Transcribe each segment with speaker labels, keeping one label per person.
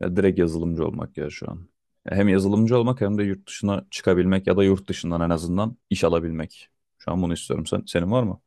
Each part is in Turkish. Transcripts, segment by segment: Speaker 1: Ya direkt yazılımcı olmak ya şu an. Ya hem yazılımcı olmak hem de yurt dışına çıkabilmek ya da yurt dışından en azından iş alabilmek. Şu an bunu istiyorum. Sen, senin var mı?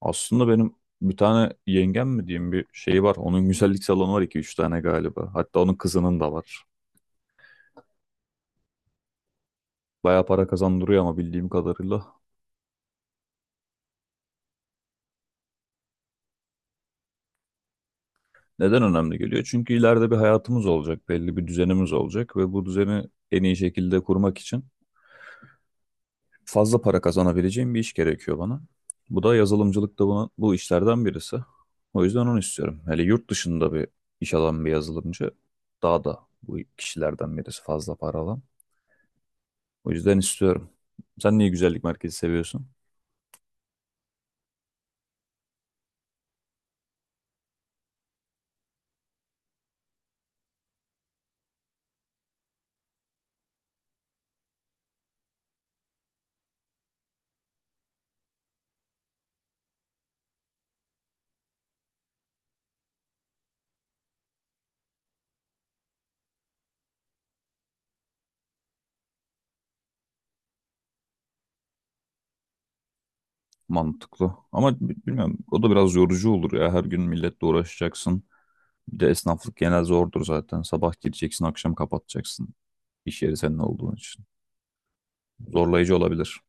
Speaker 1: Aslında benim bir tane yengem mi diyeyim bir şeyi var. Onun güzellik salonu var iki üç tane galiba. Hatta onun kızının da var. Bayağı para kazandırıyor ama bildiğim kadarıyla. Neden önemli geliyor? Çünkü ileride bir hayatımız olacak, belli bir düzenimiz olacak ve bu düzeni en iyi şekilde kurmak için fazla para kazanabileceğim bir iş gerekiyor bana. Bu da yazılımcılık da buna, bu işlerden birisi. O yüzden onu istiyorum. Hele yurt dışında bir iş alan bir yazılımcı daha da bu kişilerden birisi fazla para alan. O yüzden istiyorum. Sen niye güzellik merkezi seviyorsun? Mantıklı. Ama bilmiyorum, o da biraz yorucu olur ya. Her gün milletle uğraşacaksın. Bir de esnaflık genel zordur zaten. Sabah gireceksin, akşam kapatacaksın. İş yeri senin olduğun için. Zorlayıcı olabilir.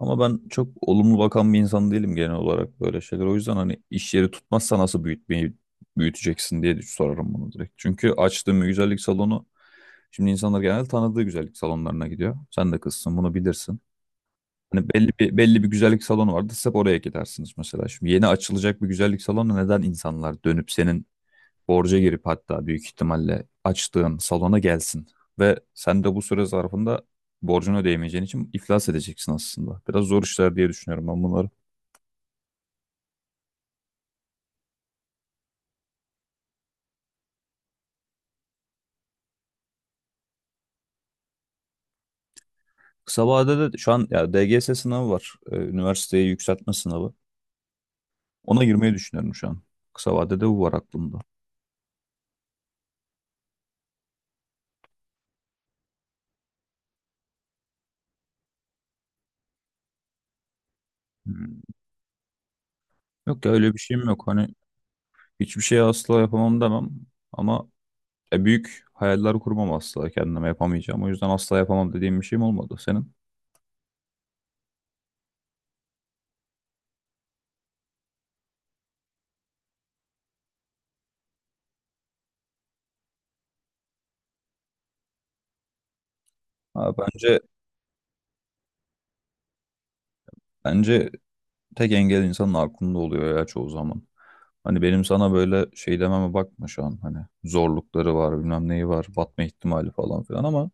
Speaker 1: Ama ben çok olumlu bakan bir insan değilim genel olarak böyle şeyler. O yüzden hani iş yeri tutmazsa nasıl büyüteceksin diye sorarım bunu direkt. Çünkü açtığım bir güzellik salonu, şimdi insanlar genelde tanıdığı güzellik salonlarına gidiyor. Sen de kızsın, bunu bilirsin. Hani belli bir güzellik salonu vardı. Siz hep oraya gidersiniz mesela. Şimdi yeni açılacak bir güzellik salonu neden insanlar dönüp senin borca girip hatta büyük ihtimalle açtığın salona gelsin. Ve sen de bu süre zarfında borcunu ödeyemeyeceğin için iflas edeceksin aslında. Biraz zor işler diye düşünüyorum ben bunları. Kısa vadede de şu an ya DGS sınavı var. Üniversiteye yükseltme sınavı. Ona girmeyi düşünüyorum şu an. Kısa vadede bu var aklımda. Hmm. Yok ya, öyle bir şeyim yok. Hani hiçbir şey asla yapamam demem. Ama büyük hayaller kurmam, asla kendime yapamayacağım. O yüzden asla yapamam dediğim bir şeyim olmadı. Senin? Ha, bence tek engel insanın aklında oluyor ya çoğu zaman. Hani benim sana böyle şey dememe bakma şu an. Hani zorlukları var, bilmem neyi var, batma ihtimali falan filan ama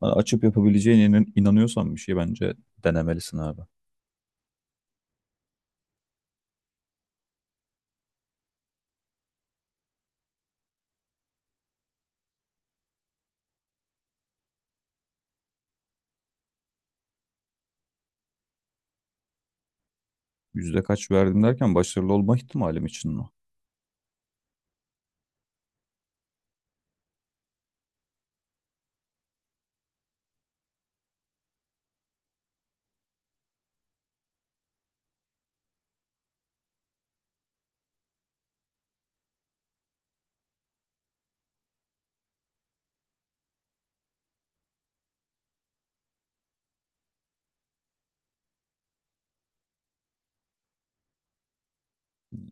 Speaker 1: hani açıp yapabileceğine inanıyorsan bir şey, bence denemelisin abi. Yüzde kaç verdim derken başarılı olma ihtimalim için mi?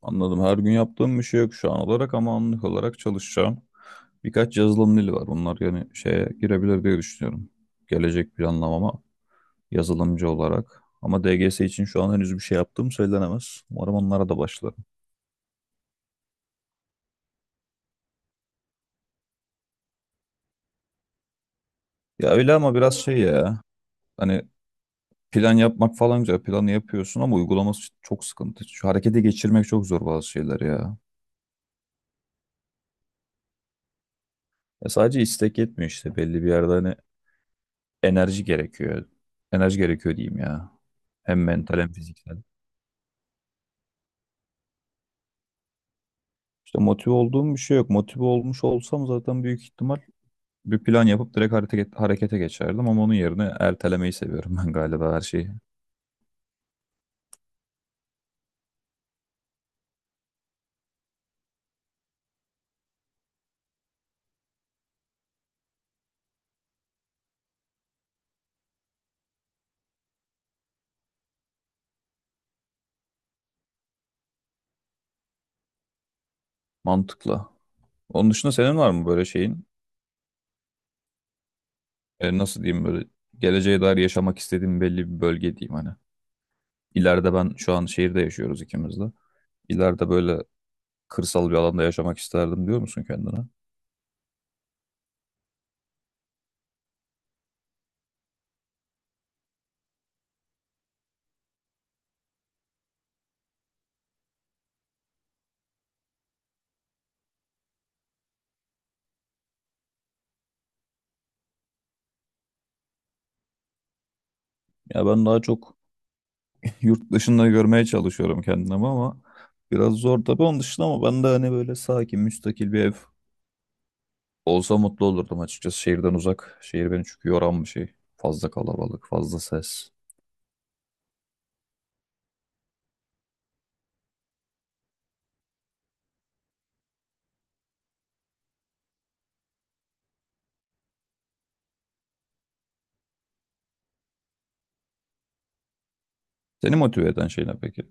Speaker 1: Anladım. Her gün yaptığım bir şey yok şu an olarak ama anlık olarak çalışacağım. Birkaç yazılım dili var. Bunlar yani şeye girebilir diye düşünüyorum. Gelecek planlamama, yazılımcı olarak. Ama DGS için şu an henüz bir şey yaptığım söylenemez. Umarım onlara da başlarım. Ya öyle ama biraz şey ya. Hani plan yapmak falan güzel. Planı yapıyorsun ama uygulaması çok sıkıntı. Şu harekete geçirmek çok zor bazı şeyler ya. Ya sadece istek yetmiyor işte. Belli bir yerde hani enerji gerekiyor. Enerji gerekiyor diyeyim ya. Hem mental hem fiziksel. İşte motive olduğum bir şey yok. Motive olmuş olsam zaten büyük ihtimal bir plan yapıp direkt harekete geçerdim ama onun yerine ertelemeyi seviyorum ben galiba her şeyi. Mantıklı. Onun dışında senin var mı böyle şeyin? Nasıl diyeyim, böyle geleceğe dair yaşamak istediğin belli bir bölge diyeyim hani. İleride, ben şu an şehirde yaşıyoruz ikimiz de. İleride böyle kırsal bir alanda yaşamak isterdim diyor musun kendine? Ya ben daha çok yurt dışında görmeye çalışıyorum kendimi ama biraz zor tabii onun dışında, ama ben de hani böyle sakin, müstakil bir ev olsa mutlu olurdum açıkçası, şehirden uzak. Şehir beni çünkü yoran bir şey. Fazla kalabalık, fazla ses. Seni motive eden şey ne peki?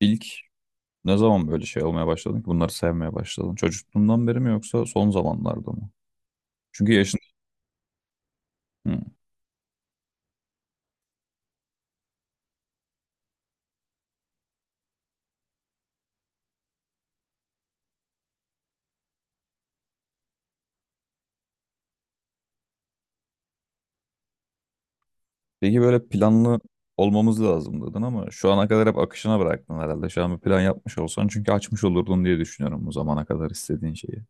Speaker 1: İlk, ne zaman böyle şey olmaya başladın ki, bunları sevmeye başladın? Çocukluğundan beri mi yoksa son zamanlarda mı? Çünkü yaşın... Hı. Peki böyle planlı olmamız lazım dedin ama şu ana kadar hep akışına bıraktın herhalde. Şu an bir plan yapmış olsan çünkü açmış olurdun diye düşünüyorum, bu zamana kadar istediğin şeyi.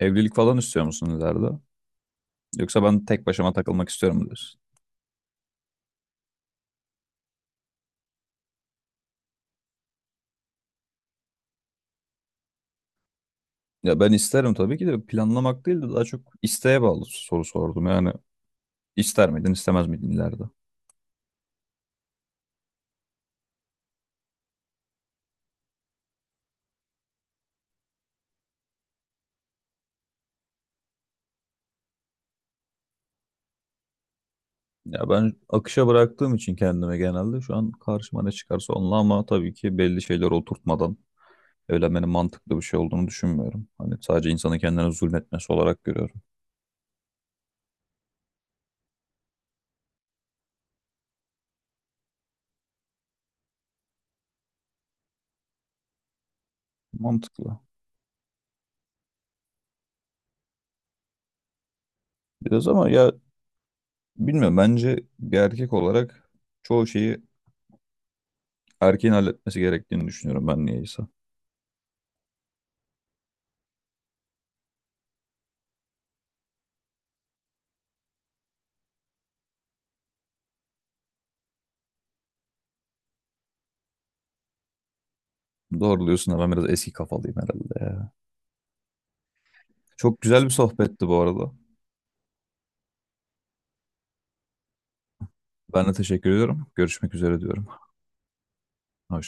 Speaker 1: Evlilik falan istiyor musun ileride? Yoksa ben tek başıma takılmak istiyorum mu diyorsun? Ya ben isterim tabii ki de, planlamak değil de daha çok isteğe bağlı soru sordum. Yani ister miydin istemez miydin ileride? Ya ben akışa bıraktığım için kendime, genelde şu an karşıma ne çıkarsa onunla, ama tabii ki belli şeyler oturtmadan evlenmenin mantıklı bir şey olduğunu düşünmüyorum. Hani sadece insanın kendine zulmetmesi olarak görüyorum. Mantıklı. Biraz ama ya bilmiyorum, bence bir erkek olarak çoğu şeyi erkeğin halletmesi gerektiğini düşünüyorum ben niyeyse. Doğru diyorsun ama ben biraz eski kafalıyım herhalde ya. Çok güzel bir sohbetti bu arada. Ben de teşekkür ediyorum. Görüşmek üzere diyorum. Hoşça